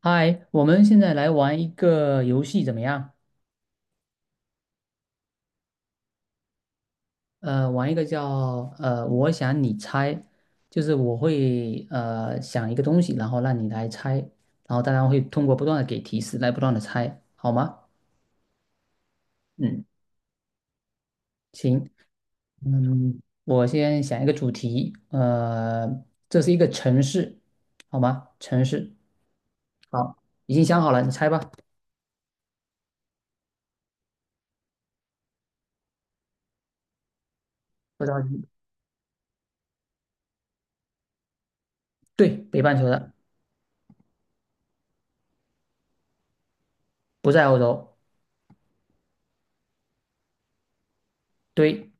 嗨，我们现在来玩一个游戏怎么样？玩一个叫我想你猜，就是我会想一个东西，然后让你来猜，然后大家会通过不断的给提示来不断的猜，好吗？嗯。行。嗯，我先想一个主题。这是一个城市，好吗？城市。好，已经想好了，你猜吧。不着急。对，北半球的。不在欧洲。对。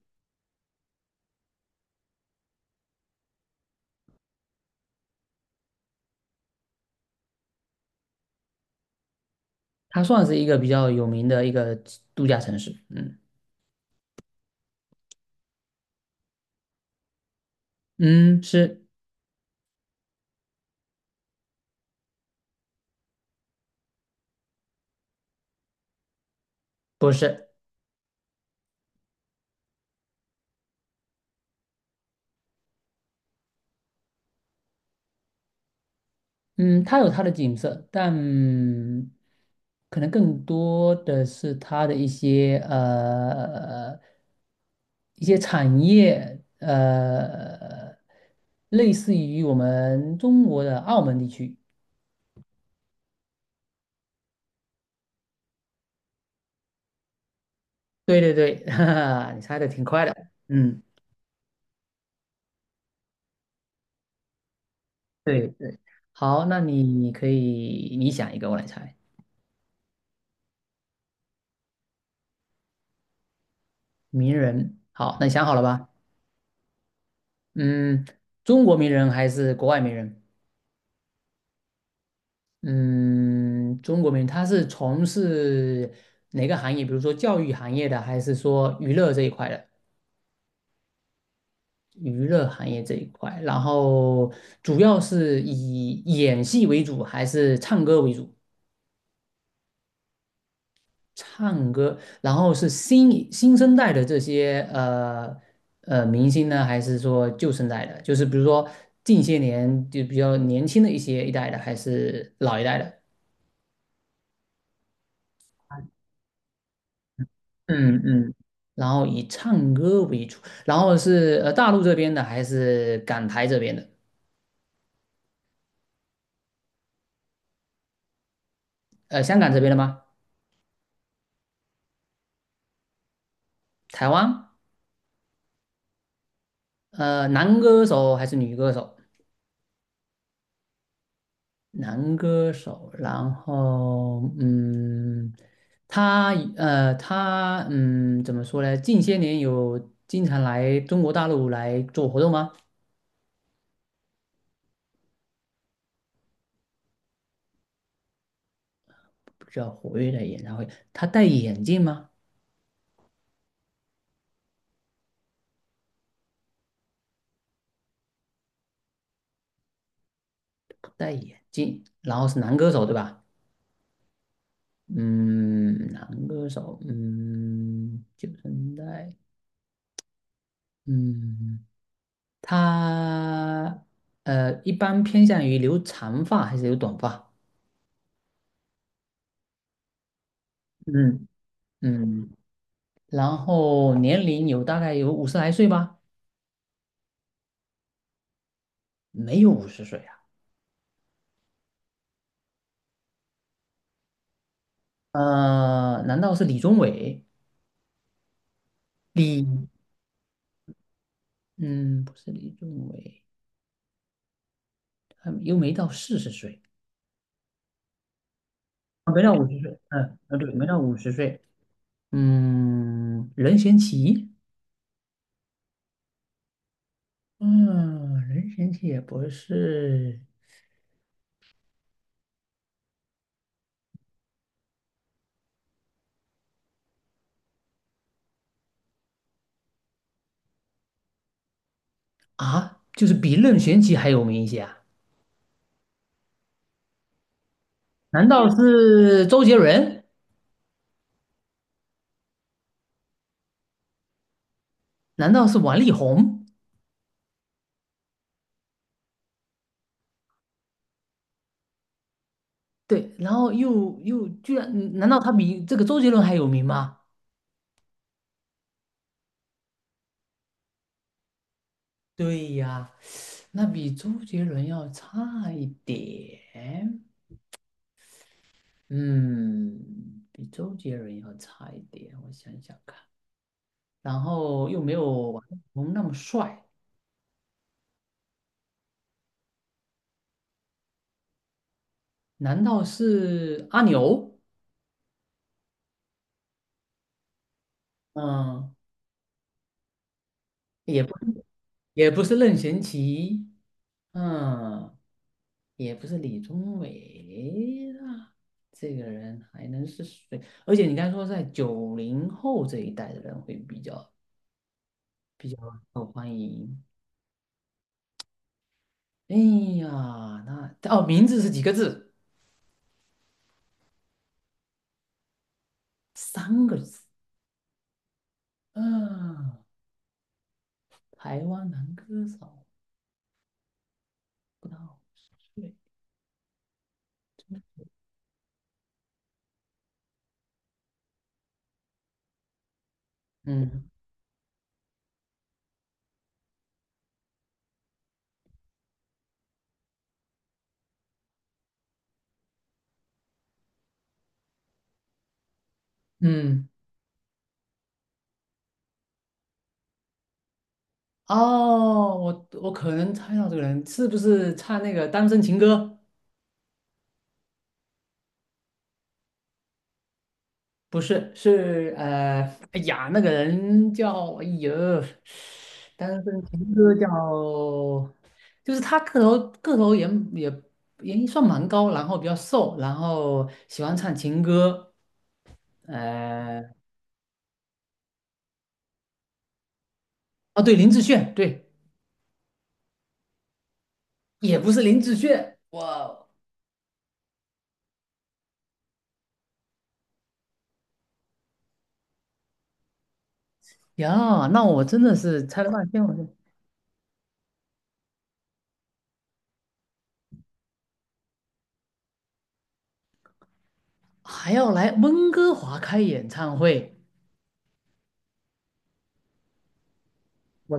它算是一个比较有名的一个度假城市。嗯嗯。是不是？嗯，它有它的景色，但可能更多的是它的一些一些产业，类似于我们中国的澳门地区。对对对，哈哈，你猜的挺快的。嗯。对对。好，那你可以你想一个，我来猜。名人，好，那你想好了吧？嗯。中国名人还是国外名人？嗯，中国名人他是从事哪个行业？比如说教育行业的，还是说娱乐这一块的？娱乐行业这一块，然后主要是以演戏为主，还是唱歌为主？唱歌，然后是新生代的这些明星呢，还是说旧生代的？就是比如说近些年就比较年轻的一些一代的，还是老一代的？嗯嗯，然后以唱歌为主，然后是大陆这边的还是港台这边的？香港这边的吗？台湾？男歌手还是女歌手？男歌手，然后他他怎么说呢？近些年有经常来中国大陆来做活动吗？比较活跃的演唱会，他戴眼镜吗？不戴眼镜，然后是男歌手对吧？嗯。男歌手。嗯，90年代。嗯。他一般偏向于留长发还是留短发？嗯嗯。然后年龄有大概有50来岁吧？没有五十岁啊？难道是李宗伟？李，嗯，不是李宗伟，他又没到40岁。啊，没到五十岁。嗯，啊，对，没到五十岁。嗯，任贤齐。嗯，任贤齐也不是。啊，就是比任贤齐还有名一些啊？难道是周杰伦？难道是王力宏？对，然后又居然，难道他比这个周杰伦还有名吗？对呀，那比周杰伦要差一点。嗯，比周杰伦要差一点，我想想看。然后又没有王力宏那么帅，难道是阿牛？嗯。也不。也不是任贤齐。嗯，也不是李宗伟啊。这个人还能是谁？而且你刚才说在90后这一代的人会比较受欢迎。哎呀。那哦，名字是几个字？三个字。嗯。台湾男歌手，不到五十岁。嗯嗯。哦，我可能猜到这个人是不是唱那个《单身情歌》？不是，是哎呀，那个人叫，哎呦，单身情歌叫，就是他个头也算蛮高，然后比较瘦，然后喜欢唱情歌。呃，哦对，林志炫，对。也不是林志炫。哇呀，那我真的是猜了半天，我就还要来温哥华开演唱会，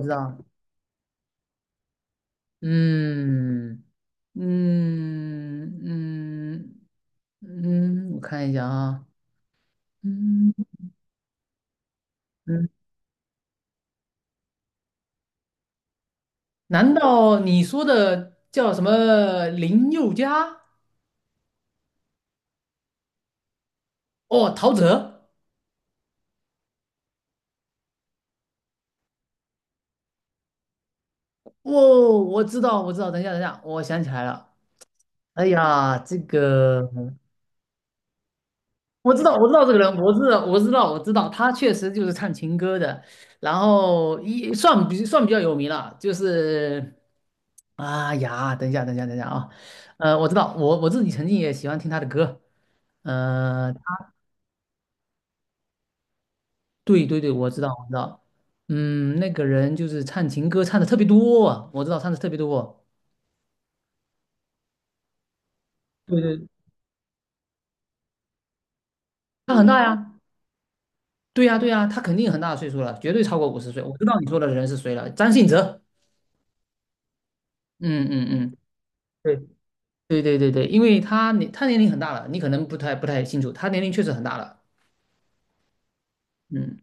我知道。嗯。嗯嗯嗯，我看一下啊。嗯嗯。难道你说的叫什么林宥嘉？哦，陶喆。哦，我知道，我知道。等一下，等一下，我想起来了。哎呀，这个我知道，我知道这个人，我知道，我知道，我知道，他确实就是唱情歌的，然后一算比算比较有名了。就是，哎呀，等一下，等一下，等一下啊。我知道，我自己曾经也喜欢听他的歌。呃。对对对，我知道，我知道。嗯，那个人就是唱情歌唱的特别多啊，我知道唱的特别多。对对。他很大呀，对呀对呀，他肯定很大的岁数了，绝对超过五十岁。我知道你说的人是谁了，张信哲。嗯嗯嗯。对对对对对，因为他年龄很大了，你可能不太清楚，他年龄确实很大了。嗯。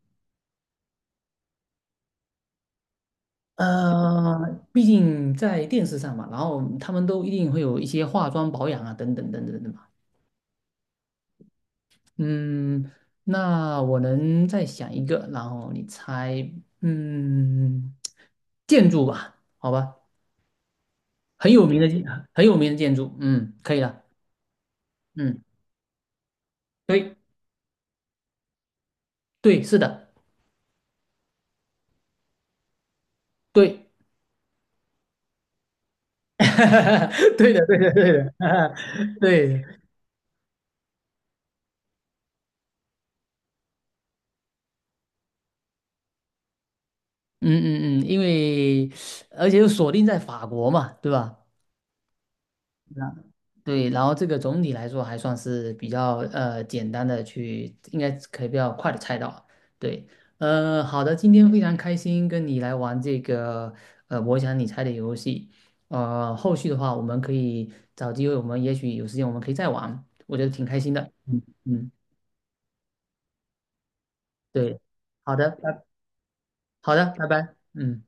呃，毕竟在电视上嘛，然后他们都一定会有一些化妆保养啊，等等等等等嘛。嗯。那我能再想一个，然后你猜。嗯，建筑吧，好吧。很有名的建，很有名的建筑。嗯，可以了。嗯，对，对，是的，对，对的，对的，对的，对。嗯嗯嗯，因为而且又锁定在法国嘛，对吧？对，然后这个总体来说还算是比较简单的去，应该可以比较快的猜到。对。好的，今天非常开心跟你来玩这个我想你猜的游戏。后续的话我们可以找机会，我们也许有时间我们可以再玩，我觉得挺开心的。嗯嗯。对。好的，拜拜。嗯。